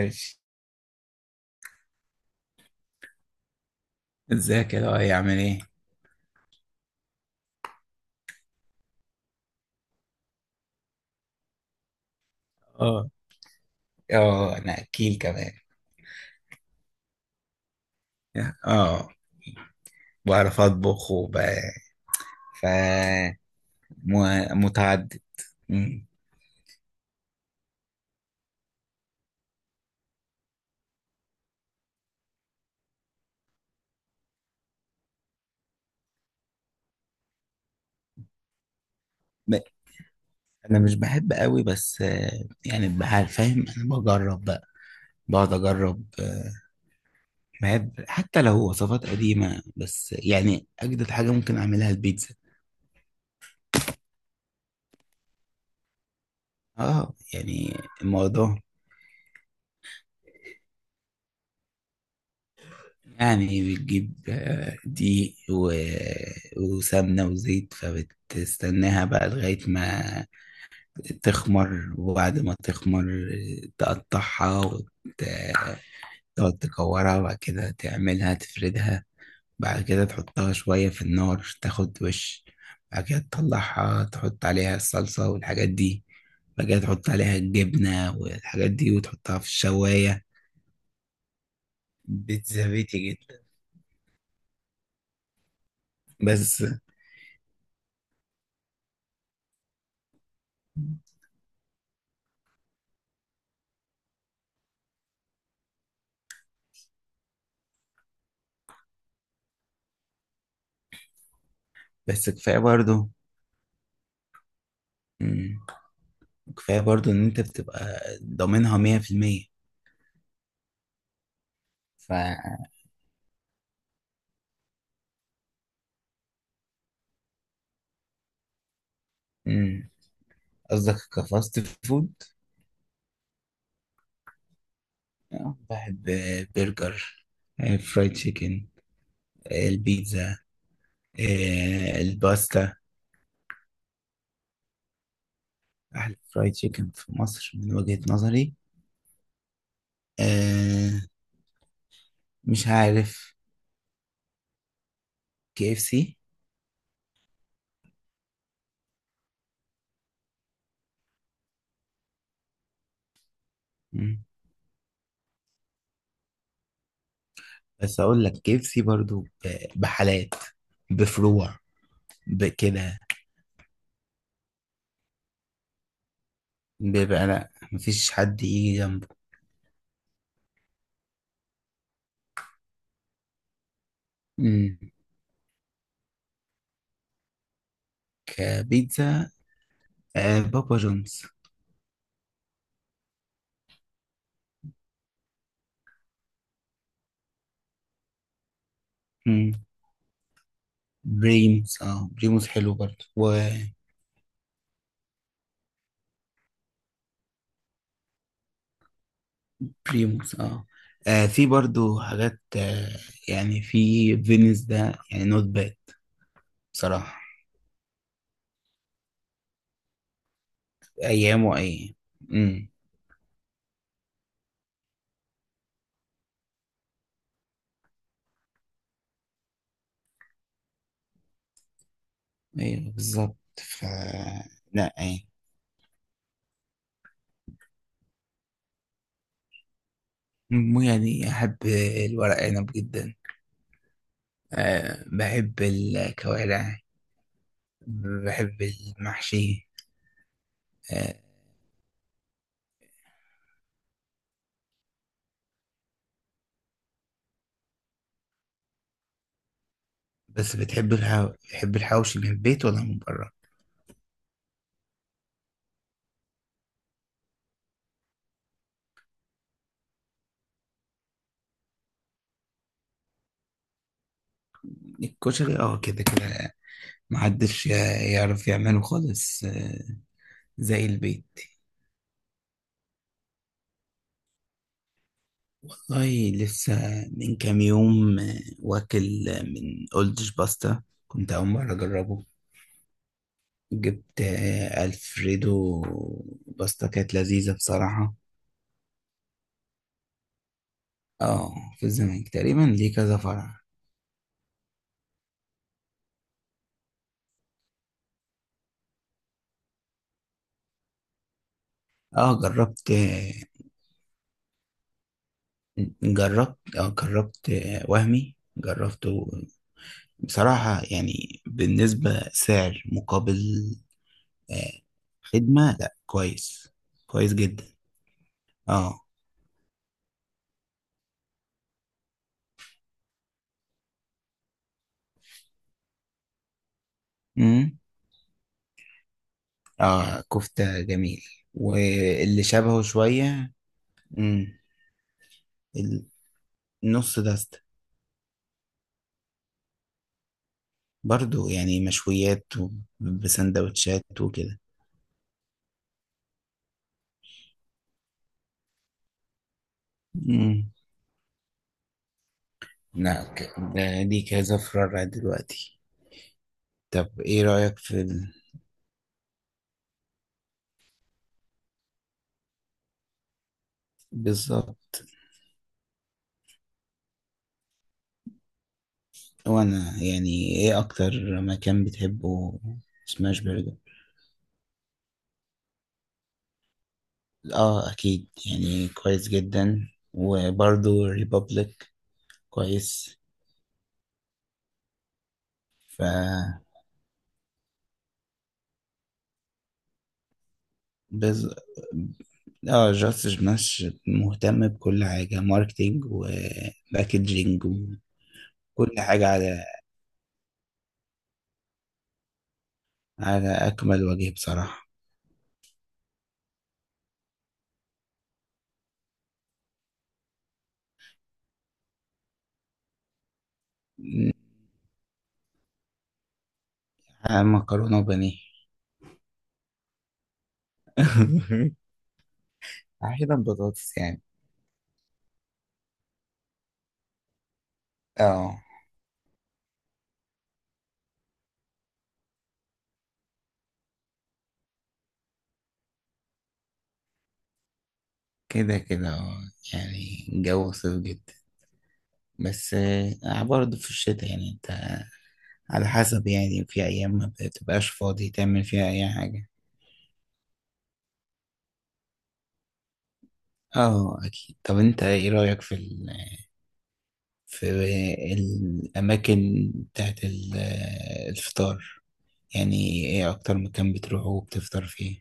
ماشي. ازيك يا لؤي، عامل ايه؟ اه، اه، انا اكيل كمان. اه، بعرف اطبخ ف متعدد. مم. ب- انا مش بحب قوي، بس يعني بحال فاهم، انا بجرب بقى. بقعد اجرب. بحب حتى لو وصفات قديمة، بس يعني اجدد حاجة ممكن اعملها البيتزا. اه يعني الموضوع. يعني بتجيب دقيق وسمنة وزيت، فبتستناها بقى لغاية ما تخمر. وبعد ما تخمر تقطعها، وتقعد تكورها، وبعد كده تعملها، تفردها. بعد كده تحطها شوية في النار، تاخد وش. بعد كده تطلعها، تحط عليها الصلصة والحاجات دي. بعد كده تحط عليها الجبنة والحاجات دي، وتحطها في الشواية. بيتزا بيتي جدا. بس بس كفاية برضو إن أنت بتبقى ضامنها مية في المية. ف. مم. قصدك كفاست فود؟ بحب برجر، فرايد تشيكن، البيتزا، الباستا. أحلى فرايد تشيكن في مصر من وجهة نظري آه، مش عارف، كي اف سي. بس أقول لك كي اف سي برضو بحالات، بفروع، بكده. بيبقى لأ، مفيش حد يجي جنبه. مم. كبيتزا بابا جونز. مم. بريمز اه بريموز حلو برضو. وبريموز. اه. في برضو حاجات، آه، يعني في فينيس ده، يعني نوت باد. بصراحة أيامه أيام وأيام. امم. أيوه بالظبط. ف. لا يعني، مو، يعني أحب الورق عنب جدا. أه، بحب الكوارع، بحب المحشي. أه. بس بتحب الحوشي من البيت ولا من بره؟ الكشري، اه، كده كده محدش يعرف يعمله خالص. زي البيت. والله لسه من كام يوم، واكل من أولدش باستا، كنت أول مرة أجربه. جبت ألفريدو باستا، كانت لذيذة بصراحة. اه في الزمالك تقريبا، ليه كذا فرع. اه، جربت وهمي، جربته بصراحة، يعني بالنسبة سعر مقابل آه، خدمة، لا كويس، كويس جدا. اه. امم. اه، كفتة جميل. واللي شبهه شوية. امم. النص دست. برضو يعني مشويات بسندوتشات وكده. امم. لا ده، دي كذا فرع دلوقتي. طب ايه رأيك في ال...؟ بالظبط. وانا، يعني ايه اكتر مكان بتحبه سماش برجر؟ اه اكيد، يعني كويس جدا. وبرضو ريبابليك كويس. ف. بز... اه، جاستس بنش مهتم بكل حاجة، ماركتينج وباكجينج وكل حاجة على أكمل وجه بصراحة. مكرونة وبانيه. أحيانا بطاطس، يعني. اه كده كده اه، يعني الجو صيف جدا، بس، برضه في الشتاء، يعني انت على حسب، يعني في أيام ما بتبقاش فاضي تعمل فيها أي حاجة. اه أكيد. طب انت ايه رأيك في ال، في الأماكن بتاعت الفطار، يعني إيه أكتر مكان بتروحه وبتفطر فيه،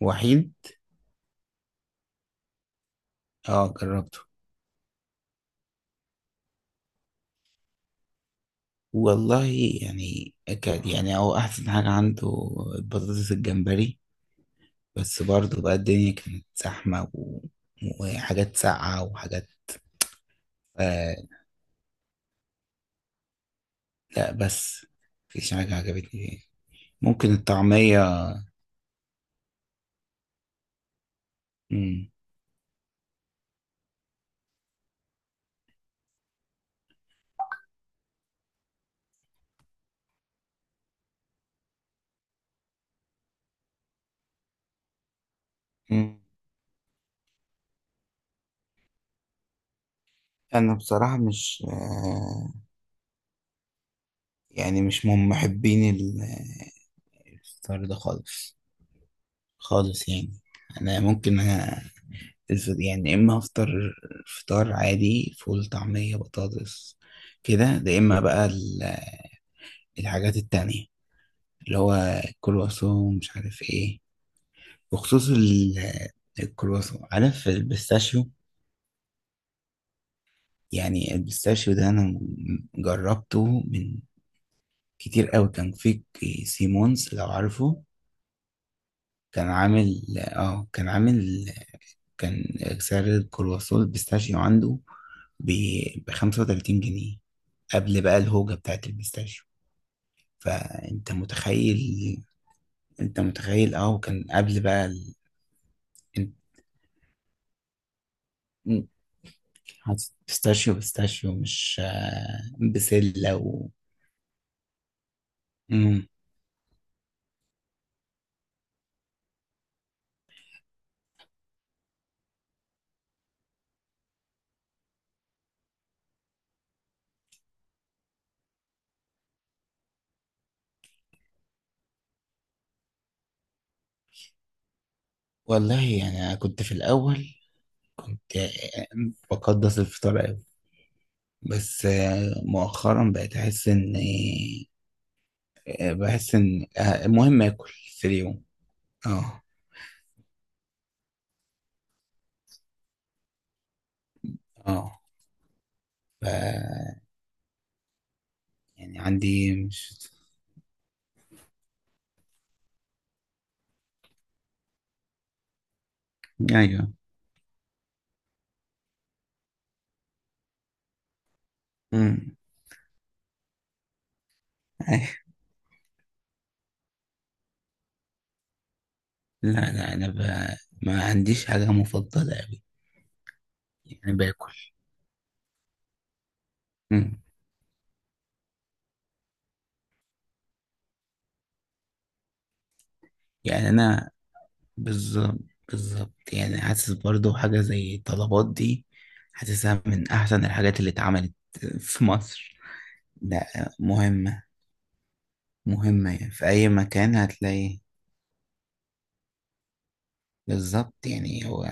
وحيد؟ آه جربته. والله يعني كان، يعني هو أحسن حاجة عنده البطاطس الجمبري، بس برضه بقى الدنيا كانت زحمة، و... وحاجات ساقعة وحاجات. آه لا، بس مفيش حاجة عجبتني فيه. ممكن الطعمية. مم. مم. أنا بصراحة مش يعني، مش من محبين الفطار ده خالص، خالص يعني. انا ممكن، أنا يعني يا اما افطر فطار عادي، فول طعمية بطاطس كده. ده اما بقى الحاجات التانية، اللي هو الكرواسون مش عارف ايه، بخصوص الكرواسون، عارف البيستاشيو. يعني البيستاشيو ده انا جربته من كتير قوي، كان في سيمونز، لو عارفه. كان عامل، كان سعر الكرواسون البيستاشيو عنده ب 35 جنيه، قبل بقى الهوجة بتاعت البيستاشيو. فانت متخيل؟ انت متخيل، اه. وكان قبل بقى ال... إن- إن- حاطط بيستاشيو بيستاشيو، مش، بسلة و... مم. والله يعني أنا كنت في الأول كنت، بقدس الفطار أوي. بس، مؤخرا بقيت أحس إن، بحس إن، المهم آكل في اليوم. اه. اه. ف. يعني عندي مش. ايوه. امم. أيوة. لا لا، انا ب... ما عنديش حاجه مفضله قوي. يعني باكل. امم. يعني انا. بالظبط. بالظبط، يعني حاسس برضو حاجه زي الطلبات دي، حاسسها من احسن الحاجات اللي اتعملت في مصر. لا مهمه، مهمه يعني، في اي مكان هتلاقي. بالظبط يعني هو.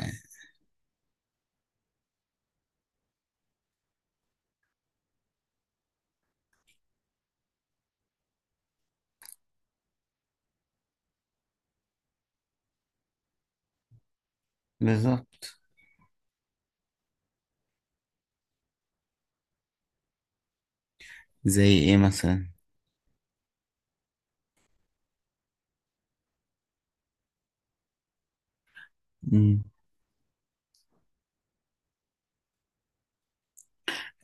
بالظبط. زي ايه مثلا؟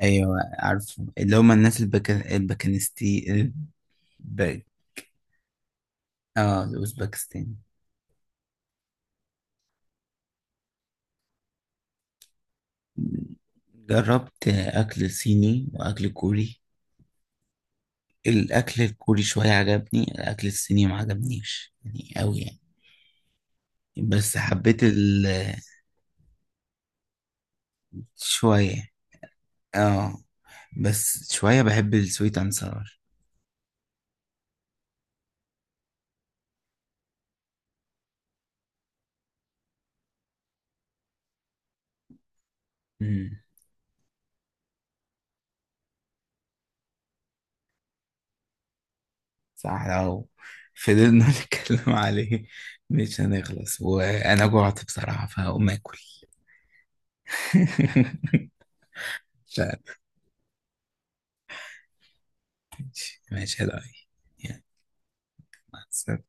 ايوه عارفه، اللي هم الناس الباكنستي. الب... اه الاوزبكستان. جربت اكل صيني واكل كوري. الاكل الكوري شويه عجبني، الاكل الصيني ما عجبنيش يعني قوي، يعني. بس حبيت ال. شويه. اه، بس شويه بحب السويت اند ساور. امم. صح. لو فضلنا نتكلم عليه مش هنخلص. وانا جوعت بصراحه، فهقوم اكل. مش. ماشي يا دعي. يعني مع السلامة.